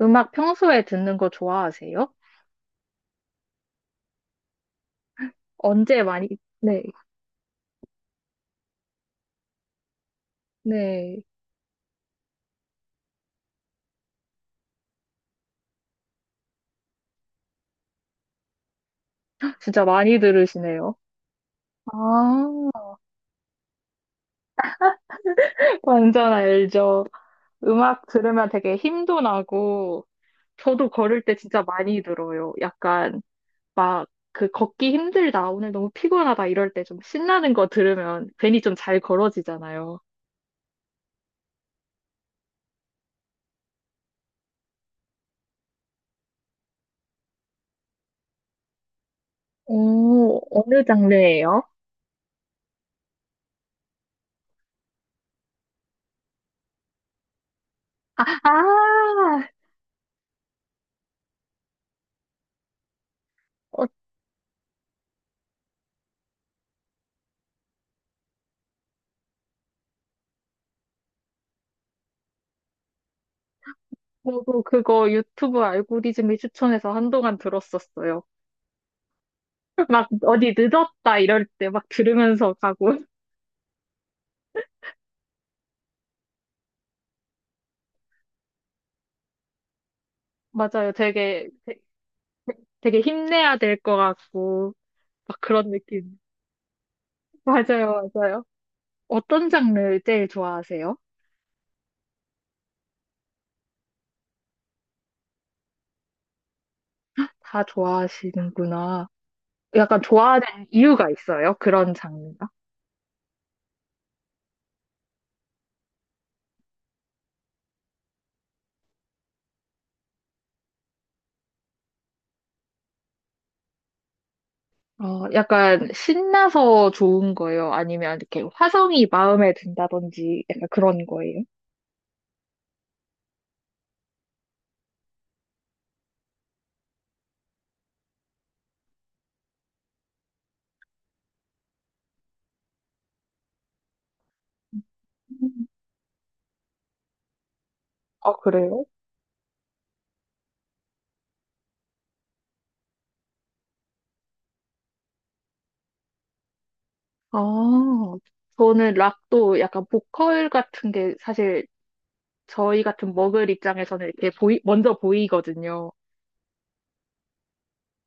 음악 평소에 듣는 거 좋아하세요? 언제 많이. 네, 네. 진짜 많이 들으시네요. 아, 완전 알죠. 음악 들으면 되게 힘도 나고, 저도 걸을 때 진짜 많이 들어요. 약간 막 그 걷기 힘들다, 아, 오늘 너무 피곤하다 이럴 때 좀 신나는 거 들으면 괜히 좀 잘 걸어지잖아요. 오, 어느 장르예요? 아, 어, 저도 그거 유튜브 알고리즘이 추천해서 한동안 들었었어요. 막 어디 늦었다 이럴 때 막 들으면서 가고. 맞아요. 되게 힘내야 될 것 같고, 막 그런 느낌. 맞아요, 맞아요. 어떤 장르 제일 좋아하세요? 다 좋아하시는구나. 약간 좋아하는 이유가 있어요? 그런 장르가? 약간 신나서 좋은 거예요? 아니면 이렇게 화성이 마음에 든다든지 약간 그런 거예요? 음. 아, 그래요? 아, 저는 락도 약간 보컬 같은 게 사실 저희 같은 먹을 입장에서는 이렇게 먼저 보이거든요.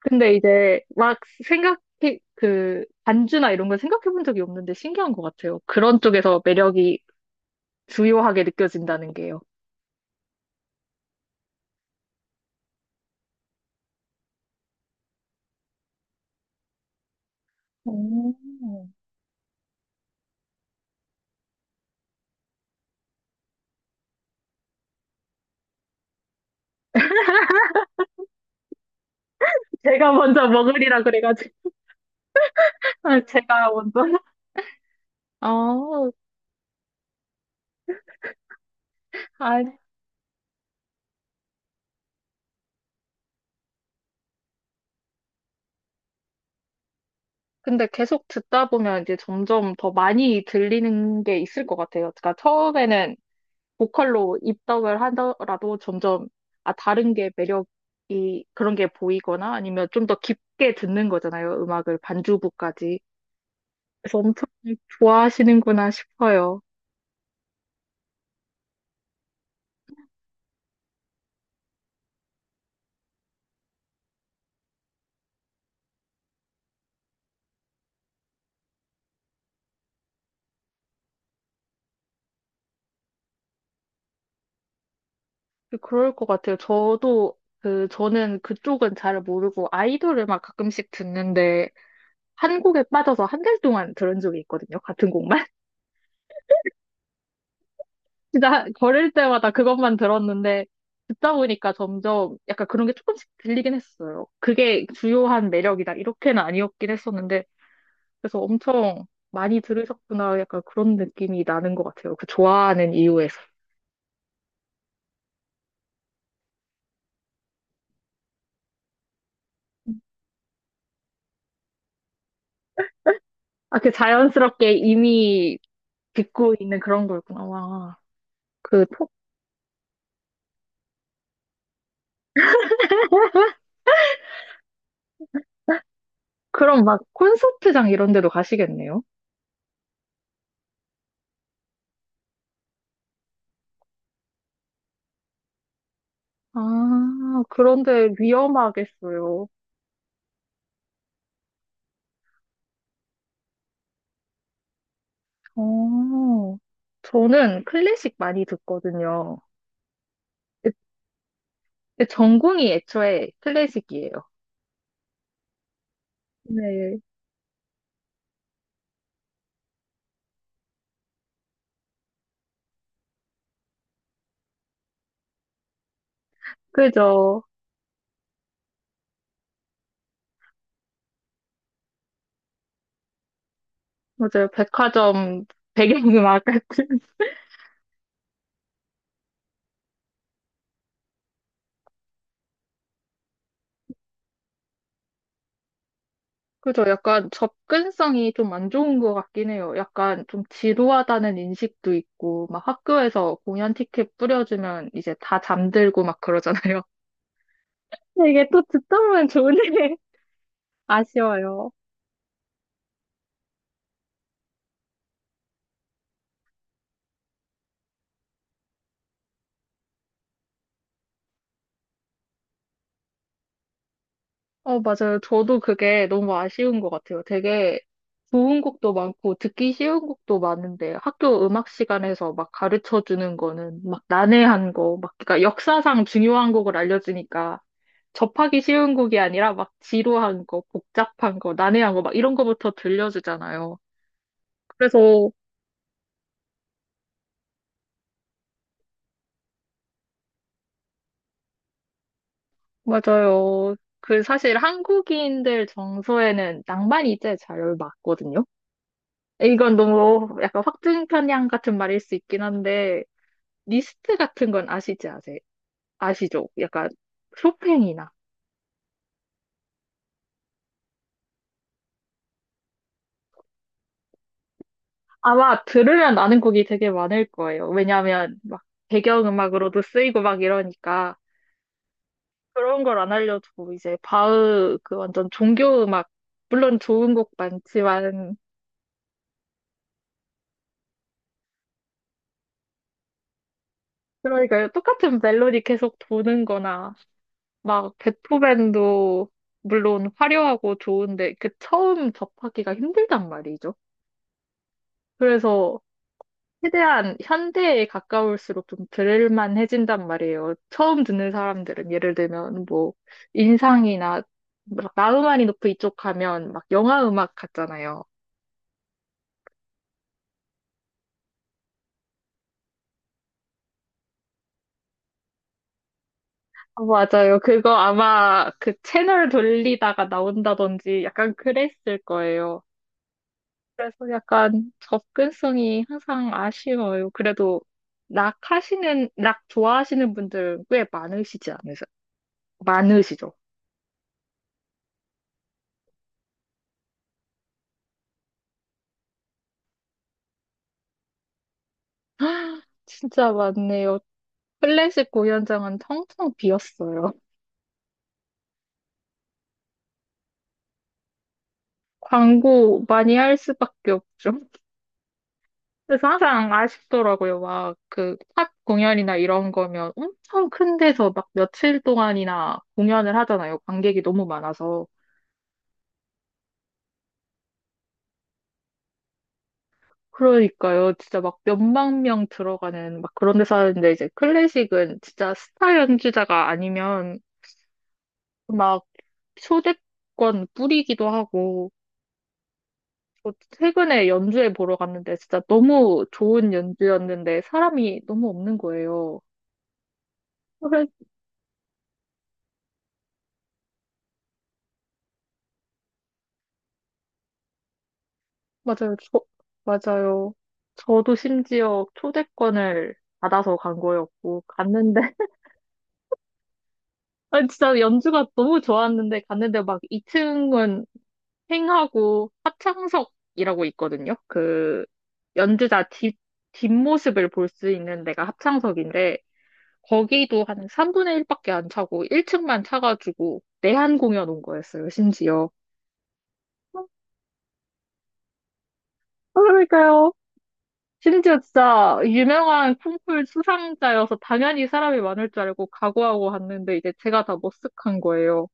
근데 이제 막 생각해, 그, 반주나 이런 걸 생각해 본 적이 없는데 신기한 것 같아요. 그런 쪽에서 매력이 주요하게 느껴진다는 게요. 오. 제가 먼저 먹으리라 그래가지고, 아, 제가 먼저. 아, 아, 근데 계속 듣다 보면 이제 점점 더 많이 들리는 게 있을 것 같아요. 그러니까 처음에는 보컬로 입덕을 하더라도 점점 아 다른 게 매력이 그런 게 보이거나 아니면 좀 더 깊게 듣는 거잖아요. 음악을 반주부까지. 그래서 엄청 좋아하시는구나 싶어요. 그럴 것 같아요. 저도 그 저는 그쪽은 잘 모르고 아이돌 음악 가끔씩 듣는데 한 곡에 빠져서 한 달 동안 들은 적이 있거든요. 같은 곡만. 진짜 걸을 때마다 그것만 들었는데 듣다 보니까 점점 약간 그런 게 조금씩 들리긴 했어요. 그게 주요한 매력이다. 이렇게는 아니었긴 했었는데 그래서 엄청 많이 들으셨구나. 약간 그런 느낌이 나는 것 같아요. 그 좋아하는 이유에서. 아, 그 자연스럽게 이미 듣고 있는 그런 거였구나. 와, 그 톡, 그럼 막 콘서트장 이런 데도 가시겠네요? 아, 그런데 위험하겠어요. 어, 저는 클래식 많이 듣거든요. 그 전공이 애초에 클래식이에요. 네, 그죠. 맞아요. 백화점 배경음악 같은. 그죠. 약간 접근성이 좀 안 좋은 것 같긴 해요. 약간 좀 지루하다는 인식도 있고, 막 학교에서 공연 티켓 뿌려주면 이제 다 잠들고 막 그러잖아요. 근데 이게 또 듣다 보면 좋은데 아쉬워요. 어, 맞아요. 저도 그게 너무 아쉬운 것 같아요. 되게 좋은 곡도 많고 듣기 쉬운 곡도 많은데 학교 음악 시간에서 막 가르쳐 주는 거는 막 난해한 거, 막 그러니까 역사상 중요한 곡을 알려주니까 접하기 쉬운 곡이 아니라 막 지루한 거, 복잡한 거, 난해한 거 막 이런 거부터 들려주잖아요. 그래서 맞아요. 그 사실 한국인들 정서에는 낭만이 제일 잘 맞거든요. 이건 너무 약간 확증편향 같은 말일 수 있긴 한데 리스트 같은 건 아시지 아세요? 아시죠? 약간 쇼팽이나 아마 들으면 아는 곡이 되게 많을 거예요. 왜냐하면 막 배경음악으로도 쓰이고 막 이러니까 그런 걸 안 알려주고 이제 바흐 그 완전 종교음악, 물론 좋은 곡 많지만 그러니까 똑같은 멜로디 계속 도는 거나 막 베토벤도 물론 화려하고 좋은데 그 처음 접하기가 힘들단 말이죠. 그래서 최대한 현대에 가까울수록 좀 들을만해진단 말이에요. 처음 듣는 사람들은 예를 들면 뭐 인상이나 막 나우마니 노프 이쪽 가면 막 영화 음악 같잖아요. 어, 맞아요. 그거 아마 그 채널 돌리다가 나온다든지 약간 그랬을 거예요. 그래서 약간 접근성이 항상 아쉬워요. 그래도 락 좋아하시는 분들 꽤 많으시지 않으세요? 많으시죠? 진짜 많네요. 클래식 공연장은 텅텅 비었어요. 광고 많이 할 수밖에 없죠. 그래서 항상 아쉽더라고요. 막 그 팝 공연이나 이런 거면 엄청 큰 데서 막 며칠 동안이나 공연을 하잖아요. 관객이 너무 많아서. 그러니까요. 진짜 막 몇만 명 들어가는 막 그런 데서 하는데 이제 클래식은 진짜 스타 연주자가 아니면 막 초대권 뿌리기도 하고 저 최근에 연주회 보러 갔는데 진짜 너무 좋은 연주였는데 사람이 너무 없는 거예요. 그래, 맞아요. 저, 맞아요. 저도 심지어 초대권을 받아서 간 거였고, 갔는데, 아 진짜 연주가 너무 좋았는데, 갔는데 막 2층은 횡하고 합창석이라고 있거든요. 그 연주자 뒷모습을 볼 수 있는 데가 합창석인데, 거기도 한 3분의 1밖에 안 차고 1층만 차가지고 내한 공연 온 거였어요, 심지어. 그러니까요. 심지어 진짜 유명한 콩쿨 수상자여서 당연히 사람이 많을 줄 알고 각오하고 왔는데 이제 제가 다 머쓱한 거예요.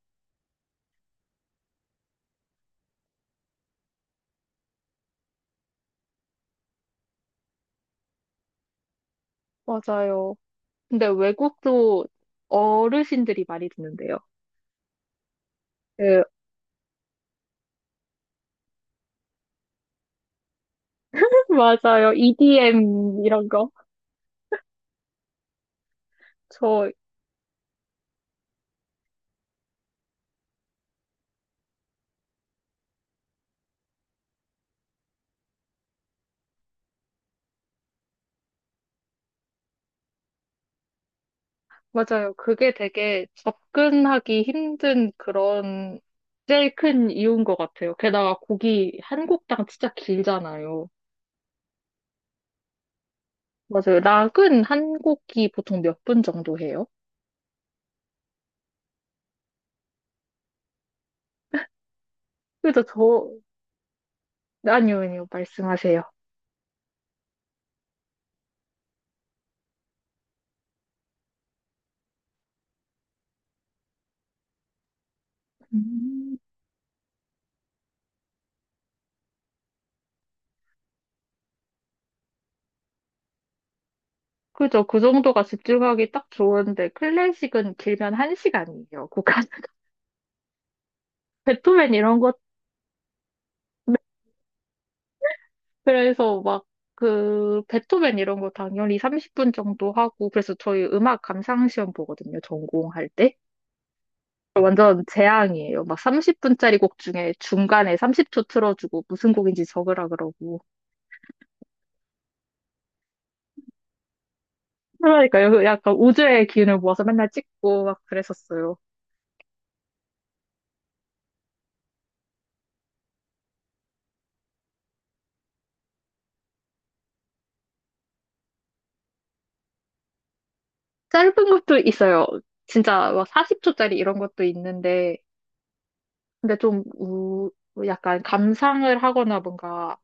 맞아요. 근데 외국도 어르신들이 많이 듣는데요. 그, 맞아요. EDM 이런 거. 저 맞아요. 그게 되게 접근하기 힘든 그런 제일 큰 이유인 것 같아요. 게다가 곡이 한 곡당 진짜 길잖아요. 맞아요. 락은 한 곡이 보통 몇 분 정도 해요? 그래서 저, 아니요, 아니요. 말씀하세요. 음. 그죠. 그 정도가 집중하기 딱 좋은데, 클래식은 길면 한 시간이에요. 곡 한, 베토벤 이런 것 그래서 막 그 베토벤 이런 거 당연히 30분 정도 하고 그래서 저희 음악 감상 시험 보거든요. 전공할 때. 완전 재앙이에요. 막 30분짜리 곡 중에 중간에 30초 틀어주고 무슨 곡인지 적으라 그러고. 그러니까요. 그 약간 우주의 기운을 모아서 맨날 찍고 막 그랬었어요. 짧은 것도 있어요. 진짜 막 40초짜리 이런 것도 있는데 근데 약간 감상을 하거나 뭔가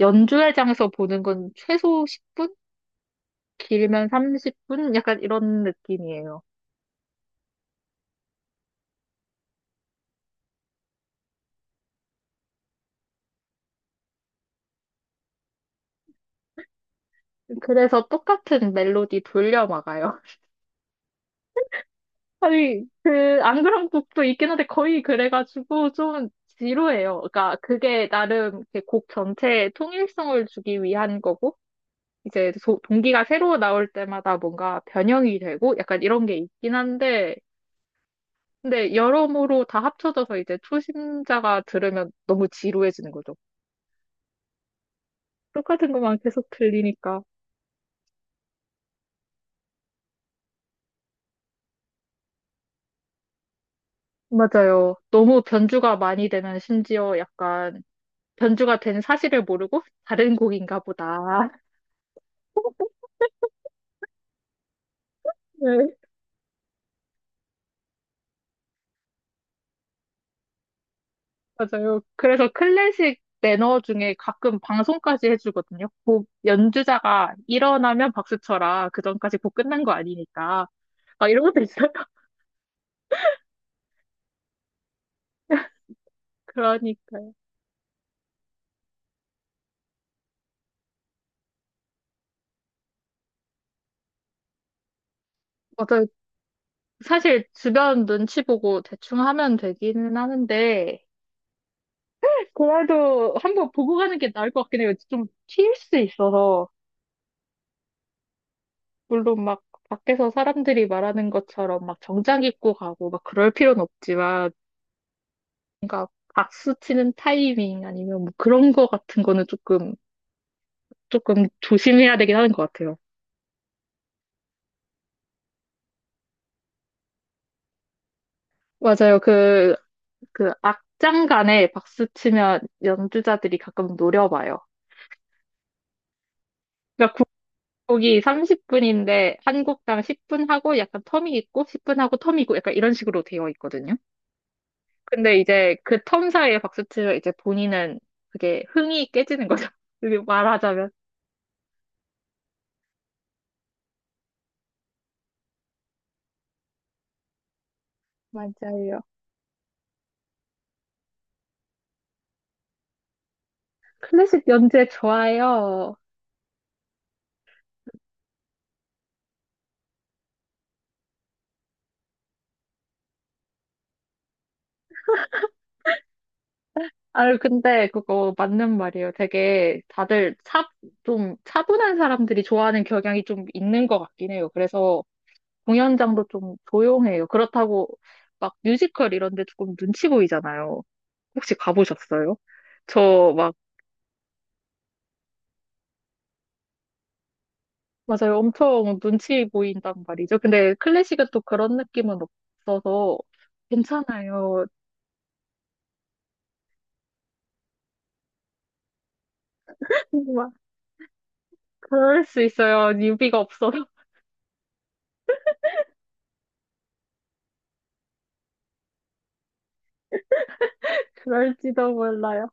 연주회 장에서 보는 건 최소 10분? 길면 30분? 약간 이런 느낌이에요. 그래서 똑같은 멜로디 돌려 막아요. 아니, 그, 안 그런 곡도 있긴 한데 거의 그래가지고 좀 지루해요. 그러니까 그게 나름 이렇게 곡 전체에 통일성을 주기 위한 거고, 이제 동기가 새로 나올 때마다 뭔가 변형이 되고 약간 이런 게 있긴 한데, 근데 여러모로 다 합쳐져서 이제 초심자가 들으면 너무 지루해지는 거죠. 똑같은 것만 계속 들리니까. 맞아요. 너무 변주가 많이 되면 심지어 약간 변주가 된 사실을 모르고 다른 곡인가 보다. 네, 맞아요. 그래서 클래식 매너 중에 가끔 방송까지 해주거든요. 곡 연주자가 일어나면 박수 쳐라. 그전까지 곡 끝난 거 아니니까. 아, 이런 것도 있어요? 그러니까요. 맞아요. 사실 주변 눈치 보고 대충 하면 되기는 하는데, 그래도 한번 보고 가는 게 나을 것 같긴 해요. 좀 튈 수 있어서. 물론 막 밖에서 사람들이 말하는 것처럼 막 정장 입고 가고 막 그럴 필요는 없지만, 그러니까 박수 치는 타이밍 아니면 뭐 그런 거 같은 거는 조금 조심해야 되긴 하는 것 같아요. 맞아요. 그, 악장간에 박수 치면 연주자들이 가끔 노려봐요. 그러니까 국곡이 30분인데 한 곡당 10분 하고 약간 텀이 있고 10분 하고 텀이 있고 약간 이런 식으로 되어 있거든요. 근데 이제 그 텀 사이에 박수치면 이제 본인은 그게 흥이 깨지는 거죠. 이렇게 말하자면. 맞아요. 클래식 연주회 좋아요. 아유, 근데 그거 맞는 말이에요. 되게 좀 차분한 사람들이 좋아하는 경향이 좀 있는 것 같긴 해요. 그래서 공연장도 좀 조용해요. 그렇다고 막 뮤지컬 이런 데 조금 눈치 보이잖아요. 혹시 가보셨어요? 저막 맞아요. 엄청 눈치 보인단 말이죠. 근데 클래식은 또 그런 느낌은 없어서 괜찮아요. 막 그럴 수 있어요. 유비가 없어서 그럴지도 몰라요.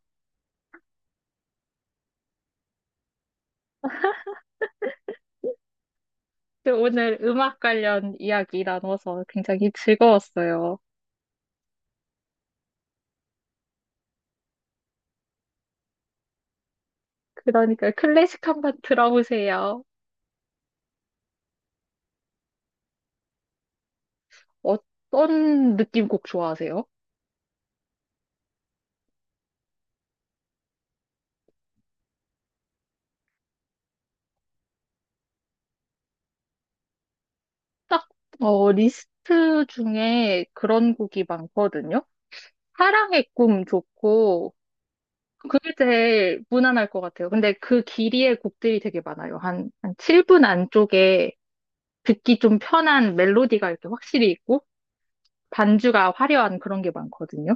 근데 오늘 음악 관련 이야기 나눠서 굉장히 즐거웠어요. 그러니까 클래식 한번 들어보세요. 어떤 느낌 곡 좋아하세요? 딱, 리스트 중에 그런 곡이 많거든요. 사랑의 꿈 좋고, 그게 제일 무난할 것 같아요. 근데 그 길이의 곡들이 되게 많아요. 한 7분 안쪽에 듣기 좀 편한 멜로디가 이렇게 확실히 있고, 반주가 화려한 그런 게 많거든요.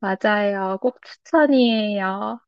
맞아요. 꼭 추천이에요.